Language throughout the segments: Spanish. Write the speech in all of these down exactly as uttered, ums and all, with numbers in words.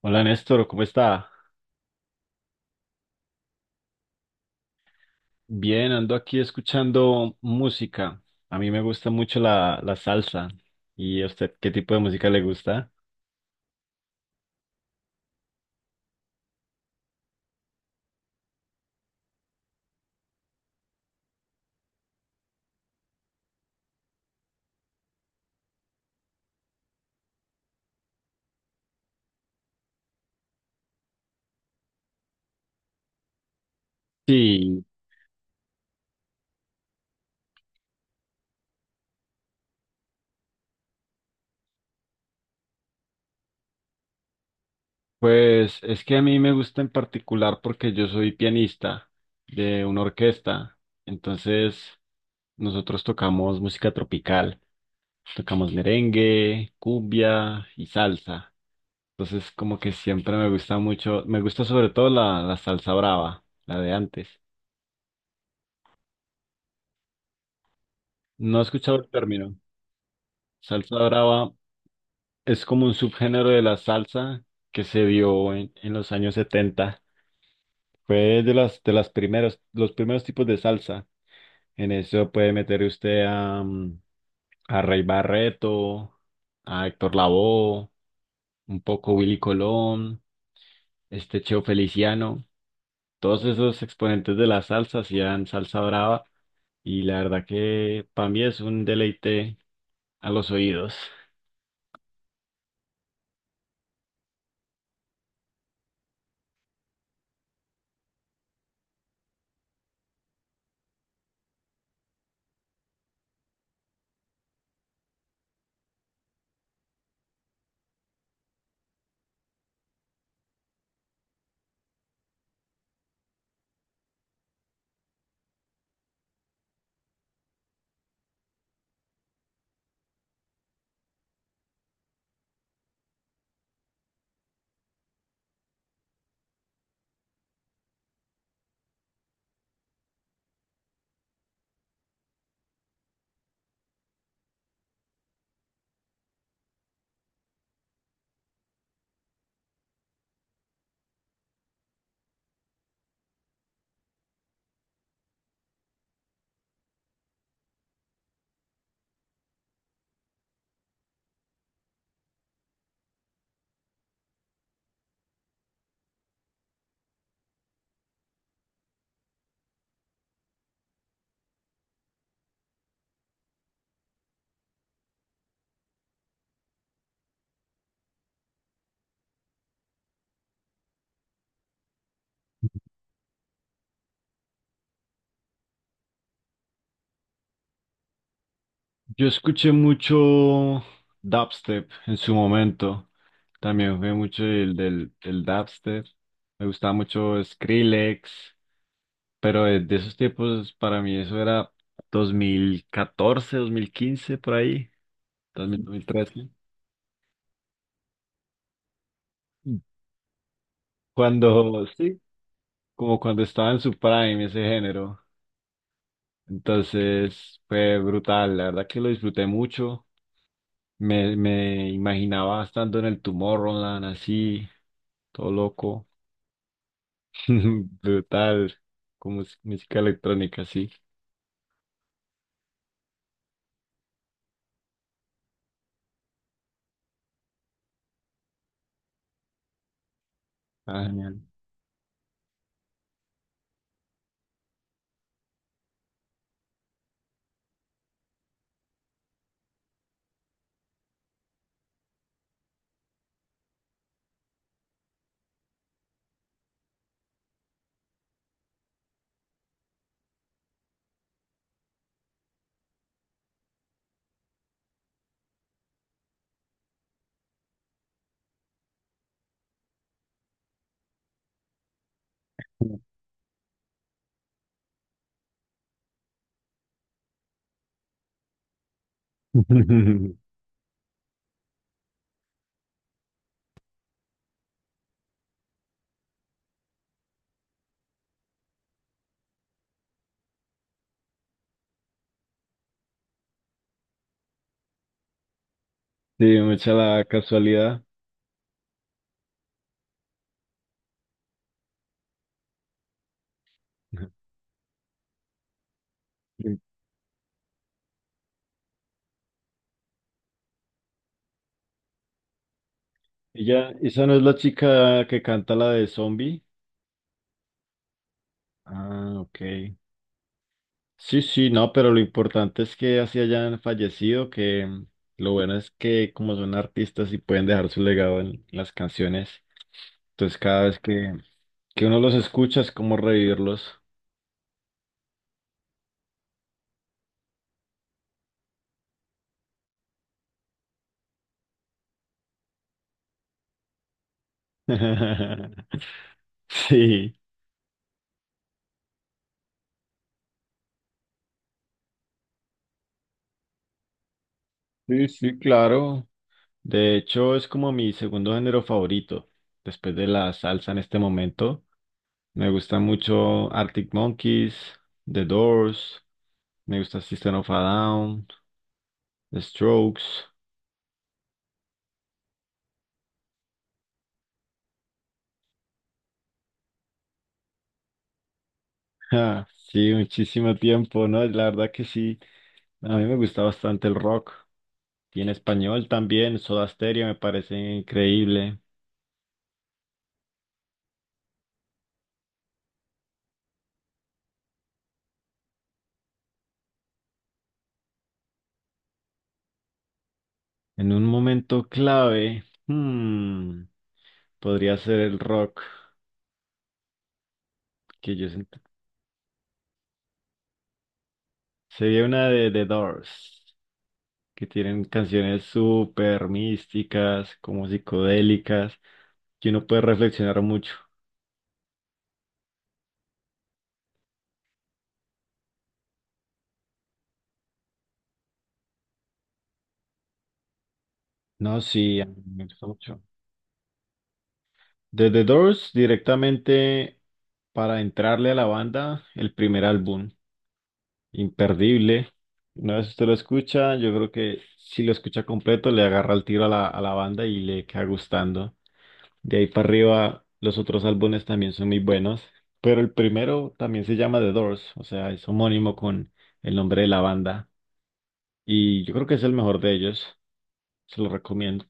Hola Néstor, ¿cómo está? Bien, ando aquí escuchando música. A mí me gusta mucho la, la salsa. ¿Y a usted qué tipo de música le gusta? Sí, pues es que a mí me gusta en particular porque yo soy pianista de una orquesta. Entonces, nosotros tocamos música tropical. Tocamos merengue, cumbia y salsa. Entonces, como que siempre me gusta mucho, me gusta sobre todo la, la salsa brava, la de antes. No he escuchado el término. Salsa brava es como un subgénero de la salsa que se dio en, en los años setenta. Fue de las, de las primeros, los primeros tipos de salsa. En eso puede meter usted a, mm, a Rey Barreto, a Héctor Lavoe, un poco Willy Colón, este Cheo Feliciano. Todos esos exponentes de la salsa hacían salsa brava y la verdad que para mí es un deleite a los oídos. Yo escuché mucho dubstep en su momento. También fue mucho el del del dubstep. Me gustaba mucho Skrillex, pero de, de esos tiempos para mí eso era dos dos mil catorce, dos mil quince por ahí, dos dos mil dos mil trece. Cuando, sí, como cuando estaba en su prime ese género. Entonces fue brutal, la verdad que lo disfruté mucho. Me, me imaginaba estando en el Tomorrowland así, todo loco, brutal, como mus- música electrónica, sí. Ah, genial. Sí, me echa la casualidad. ¿Ella, esa no es la chica que canta la de Zombie? Ah, ok. Sí, sí, no, pero lo importante es que así hayan fallecido, que mm, lo bueno es que como son artistas y pueden dejar su legado en las canciones, entonces cada vez que, que uno los escucha es como revivirlos. Sí, sí, sí, claro. De hecho, es como mi segundo género favorito, después de la salsa en este momento. Me gusta mucho Arctic Monkeys, The Doors, me gusta System of a Down, The Strokes. Ah, sí, muchísimo tiempo, ¿no? La verdad que sí, a mí me gusta bastante el rock y en español también, Soda Stereo me parece increíble. En un momento clave, hmm, podría ser el rock, que yo sent- sería una de The Doors, que tienen canciones súper místicas, como psicodélicas, que uno puede reflexionar mucho. No, sí, a mí me gusta mucho. De The Doors directamente para entrarle a la banda, el primer álbum, imperdible. Una vez usted lo escucha, yo creo que si lo escucha completo, le agarra el tiro a la, a la banda y le queda gustando. De ahí para arriba, los otros álbumes también son muy buenos, pero el primero también se llama The Doors, o sea, es homónimo con el nombre de la banda. Y yo creo que es el mejor de ellos, se lo recomiendo.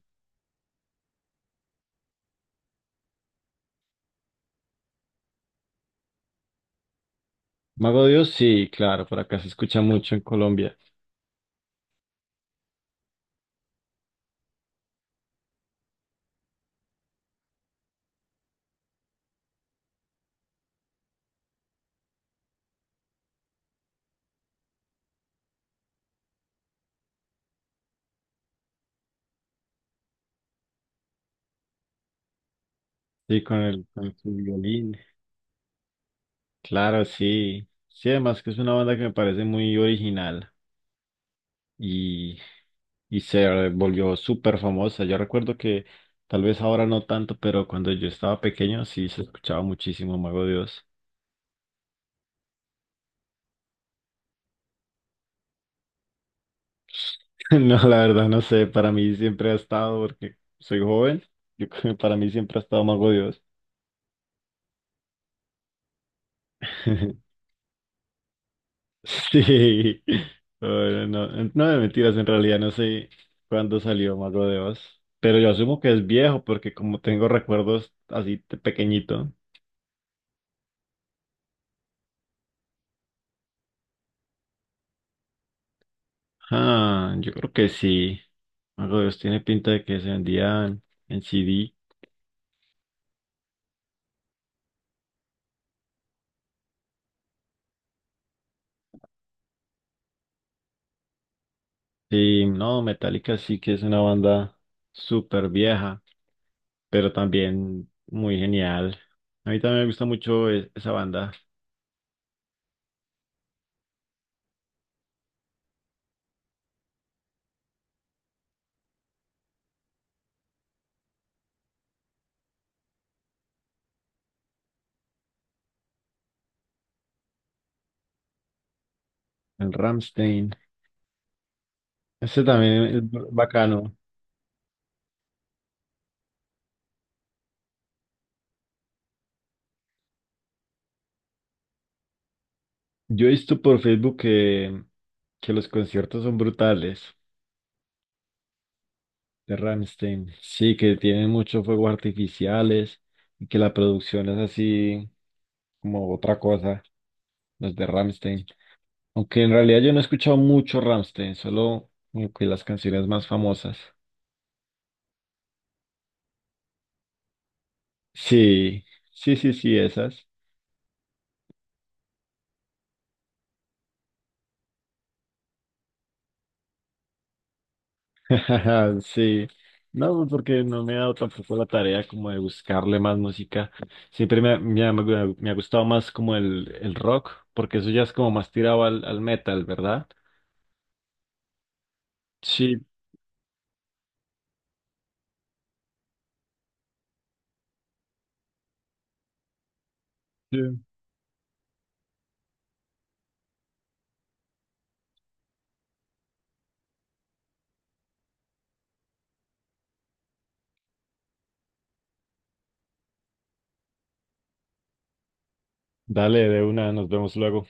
Mago de Dios, sí, claro, por acá se escucha mucho en Colombia. Sí, con el, con su violín. Claro, sí. Sí, además que es una banda que me parece muy original y, y se volvió súper famosa. Yo recuerdo que tal vez ahora no tanto, pero cuando yo estaba pequeño sí se escuchaba muchísimo Mago Dios. No, la verdad no sé, para mí siempre ha estado, porque soy joven, yo creo que para mí siempre ha estado Mago Dios. Sí. Bueno, no, no de mentiras, en realidad no sé cuándo salió Mago de Oz, pero yo asumo que es viejo porque como tengo recuerdos así de pequeñito. Ah, yo creo que sí. Mago de Oz tiene pinta de que se vendían en C D. Sí, no, Metallica sí que es una banda súper vieja, pero también muy genial. A mí también me gusta mucho e- esa banda, el Rammstein. Ese también es bacano. Yo he visto por Facebook que, que los conciertos son brutales de Rammstein. Sí, que tienen muchos fuegos artificiales y que la producción es así como otra cosa, los de Rammstein. Aunque en realidad yo no he escuchado mucho Rammstein, solo como que las canciones más famosas. Sí, sí, sí, sí, esas. Ajá, sí, no, pues porque no me he dado tampoco la tarea como de buscarle más música. Siempre me, ha- me, ha me ha me ha gustado más como el, el rock, porque eso ya es como más tirado al, al metal, ¿verdad? Sí, sí. Dale, de una, nos vemos luego.